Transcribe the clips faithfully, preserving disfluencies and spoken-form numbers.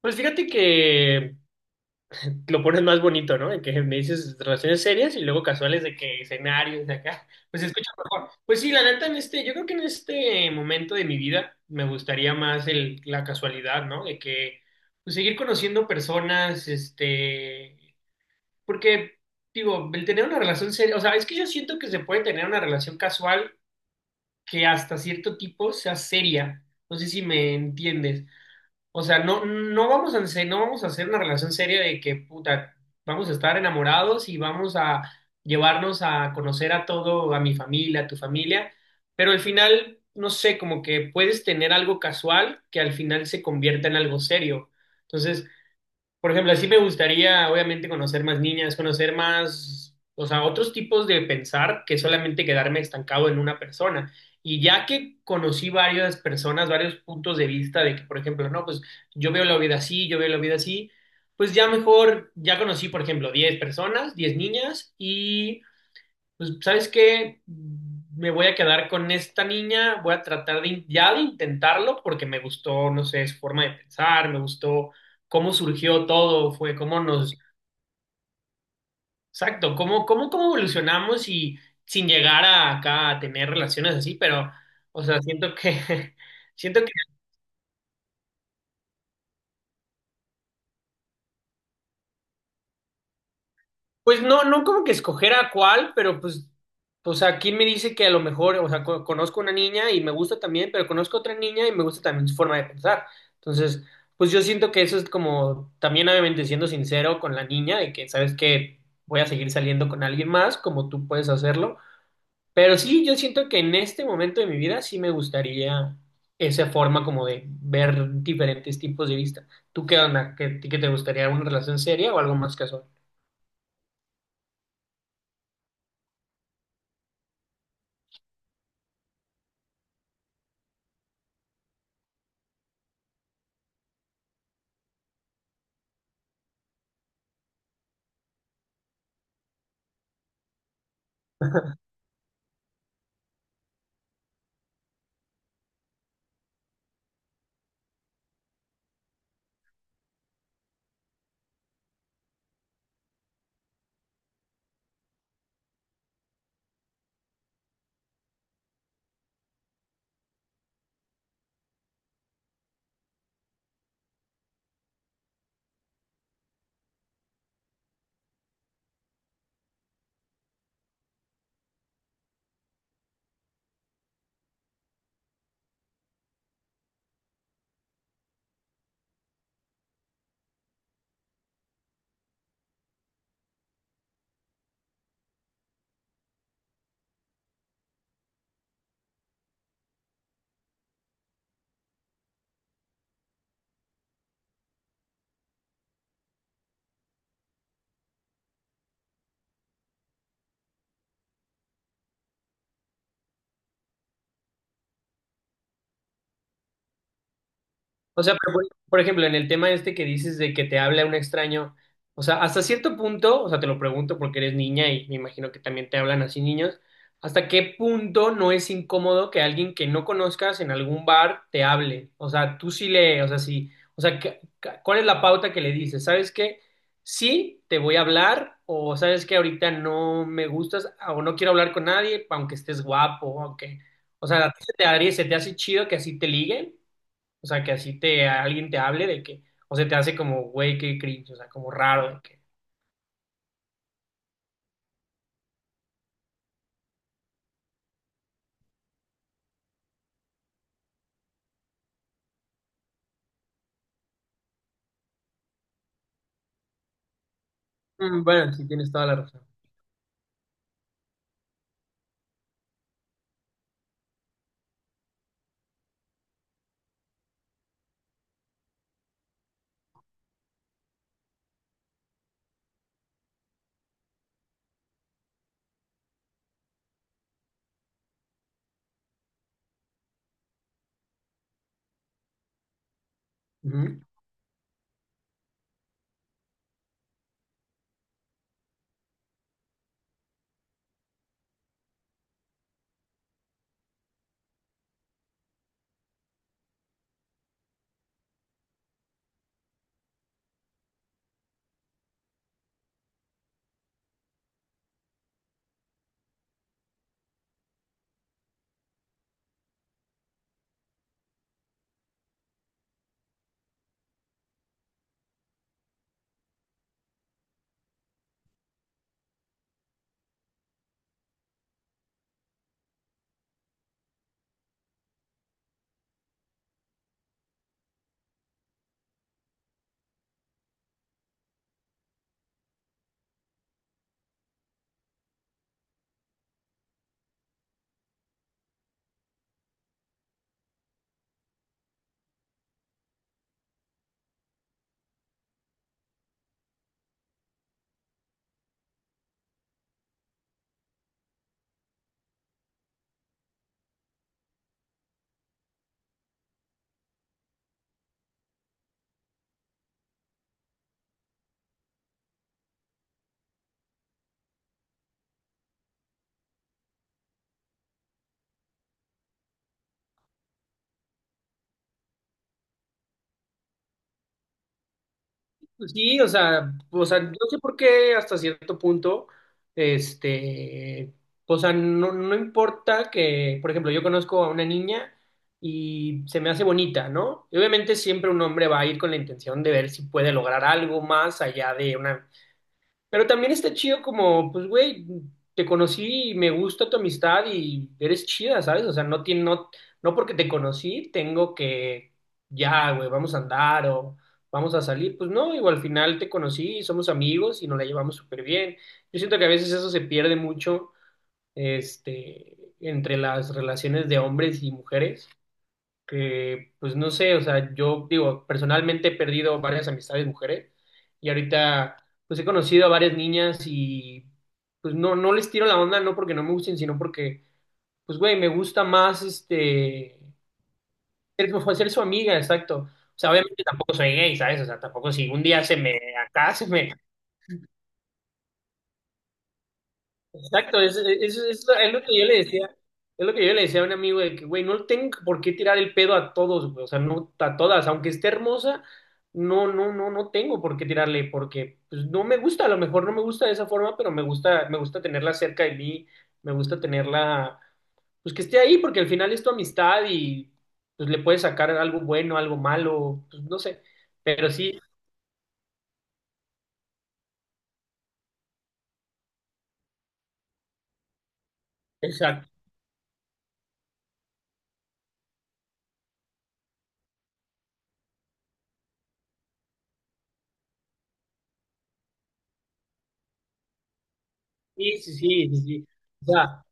Pues fíjate que lo pones más bonito, ¿no? En que me dices relaciones serias y luego casuales de que escenarios de acá, pues se escucha mejor. Pues sí, la neta, en este, yo creo que en este momento de mi vida me gustaría más el, la casualidad, ¿no? De que pues, seguir conociendo personas, este, porque digo, el tener una relación seria, o sea, es que yo siento que se puede tener una relación casual que hasta cierto tipo sea seria. No sé si me entiendes. O sea, no, no vamos a, hacer- no vamos a hacer una relación seria de que, puta, vamos a estar enamorados y vamos a llevarnos a conocer a todo, a mi familia, a tu familia, pero al final, no sé, como que puedes tener algo casual que al final se convierta en algo serio. Entonces, por ejemplo, así me gustaría, obviamente, conocer más niñas, conocer más, o sea, otros tipos de pensar que solamente quedarme estancado en una persona. Y ya que conocí varias personas, varios puntos de vista de que, por ejemplo, no, pues yo veo la vida así, yo veo la vida así, pues ya mejor, ya conocí, por ejemplo, diez personas, diez niñas, y pues, ¿sabes qué? Me voy a quedar con esta niña, voy a tratar de in- ya de intentarlo porque me gustó, no sé, su forma de pensar, me gustó cómo surgió todo, fue cómo nos, exacto, cómo, cómo, cómo evolucionamos y sin llegar a acá a tener relaciones así, pero, o sea, siento que, siento que pues no, no como que escoger a cuál, pero pues, o sea, ¿quién me dice que a lo mejor, o sea, co- conozco una niña y me gusta también, pero conozco otra niña y me gusta también su forma de pensar? Entonces, pues yo siento que eso es como, también obviamente siendo sincero con la niña, de que sabes que voy a seguir saliendo con alguien más, como tú puedes hacerlo. Pero sí, yo siento que en este momento de mi vida sí me gustaría esa forma como de ver diferentes tipos de vista. ¿Tú qué onda? ¿Qué, qué te gustaría? ¿Una relación seria o algo más casual? O sea, pero por, por ejemplo, en el tema este que dices de que te habla un extraño, o sea, hasta cierto punto, o sea, te lo pregunto porque eres niña y me imagino que también te hablan así niños, ¿hasta qué punto no es incómodo que alguien que no conozcas en algún bar te hable? O sea, tú sí le, o sea, sí, o sea, ¿qué- qué- ¿cuál es la pauta que le dices? ¿Sabes qué? Sí, te voy a hablar, o sabes que ahorita no me gustas o no quiero hablar con nadie, aunque estés guapo, aunque, o sea, ¿a ti se te haría- ¿se te hace chido que así te liguen? O sea, que así te alguien te hable de que, o se te hace como, güey, qué cringe, o sea, como raro de que. "Mm, bueno, sí tienes toda la razón. Ujú. Sí, o sea, o sea, no sé por qué hasta cierto punto, este, o sea, no, no importa que, por ejemplo, yo conozco a una niña y se me hace bonita, ¿no? Y obviamente siempre un hombre va a ir con la intención de ver si puede lograr algo más allá de una. Pero también está chido como, pues, güey, te conocí y me gusta tu amistad y eres chida, ¿sabes? O sea, no tiene, no, no porque te conocí tengo que, ya, güey, vamos a andar o vamos a salir. Pues no, igual al final te conocí, somos amigos y nos la llevamos súper bien. Yo siento que a veces eso se pierde mucho, este, entre las relaciones de hombres y mujeres que pues no sé, o sea, yo digo, personalmente he perdido varias amistades mujeres y ahorita pues he conocido a varias niñas y pues no, no les tiro la onda, no porque no me gusten, sino porque pues güey, me gusta más este, ser, ser su amiga, exacto. O sea, obviamente tampoco soy gay, ¿sabes? O sea, tampoco si un día se me, acá se me, exacto, es, es, es lo, es lo que yo le decía, es lo que yo le decía a un amigo de que, güey, no tengo por qué tirar el pedo a todos, güey, o sea, no a todas, aunque esté hermosa, no, no, no, no tengo por qué tirarle, porque pues, no me gusta, a lo mejor no me gusta de esa forma, pero me gusta, me gusta tenerla cerca de mí, me gusta tenerla, pues que esté ahí, porque al final es tu amistad y pues le puedes sacar algo bueno, algo malo, pues no sé, pero sí, exacto, sí, sí, sí, sí, sí. O sea,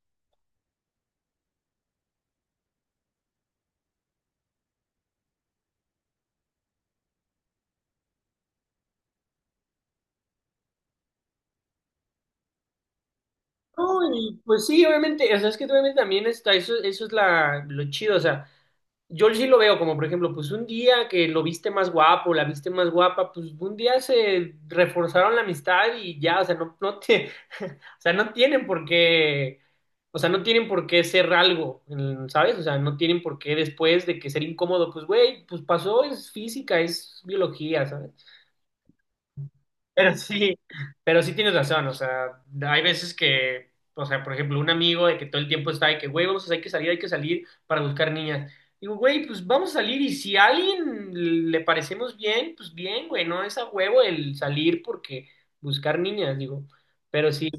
no, y pues sí, obviamente, o sea, es que obviamente también está, eso, eso es la, lo chido, o sea, yo sí lo veo como, por ejemplo, pues un día que lo viste más guapo, la viste más guapa, pues un día se reforzaron la amistad y ya, o sea, no, no te, o sea, no tienen por qué, o sea, no tienen por qué ser algo, mm, ¿sabes? O sea, no tienen por qué después de que ser incómodo, pues güey, pues pasó, es física, es biología, sabes pero sí, pero sí tienes razón, o sea, hay veces que, o sea, por ejemplo, un amigo de que todo el tiempo está de que, güey, vamos, hay que salir, hay que salir para buscar niñas. Digo, güey, pues vamos a salir y si a alguien le parecemos bien, pues bien, güey, no es a huevo el salir porque buscar niñas, digo, pero sí,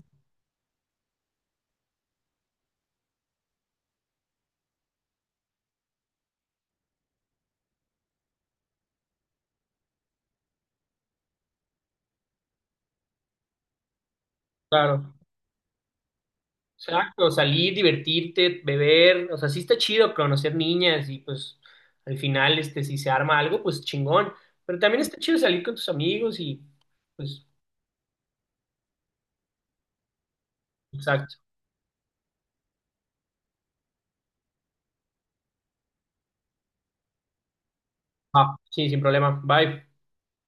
claro, exacto, salir, divertirte, beber, o sea, sí está chido conocer niñas y pues al final, este, si se arma algo, pues chingón, pero también está chido salir con tus amigos y pues... Exacto. Ah, sí, sin problema. Bye.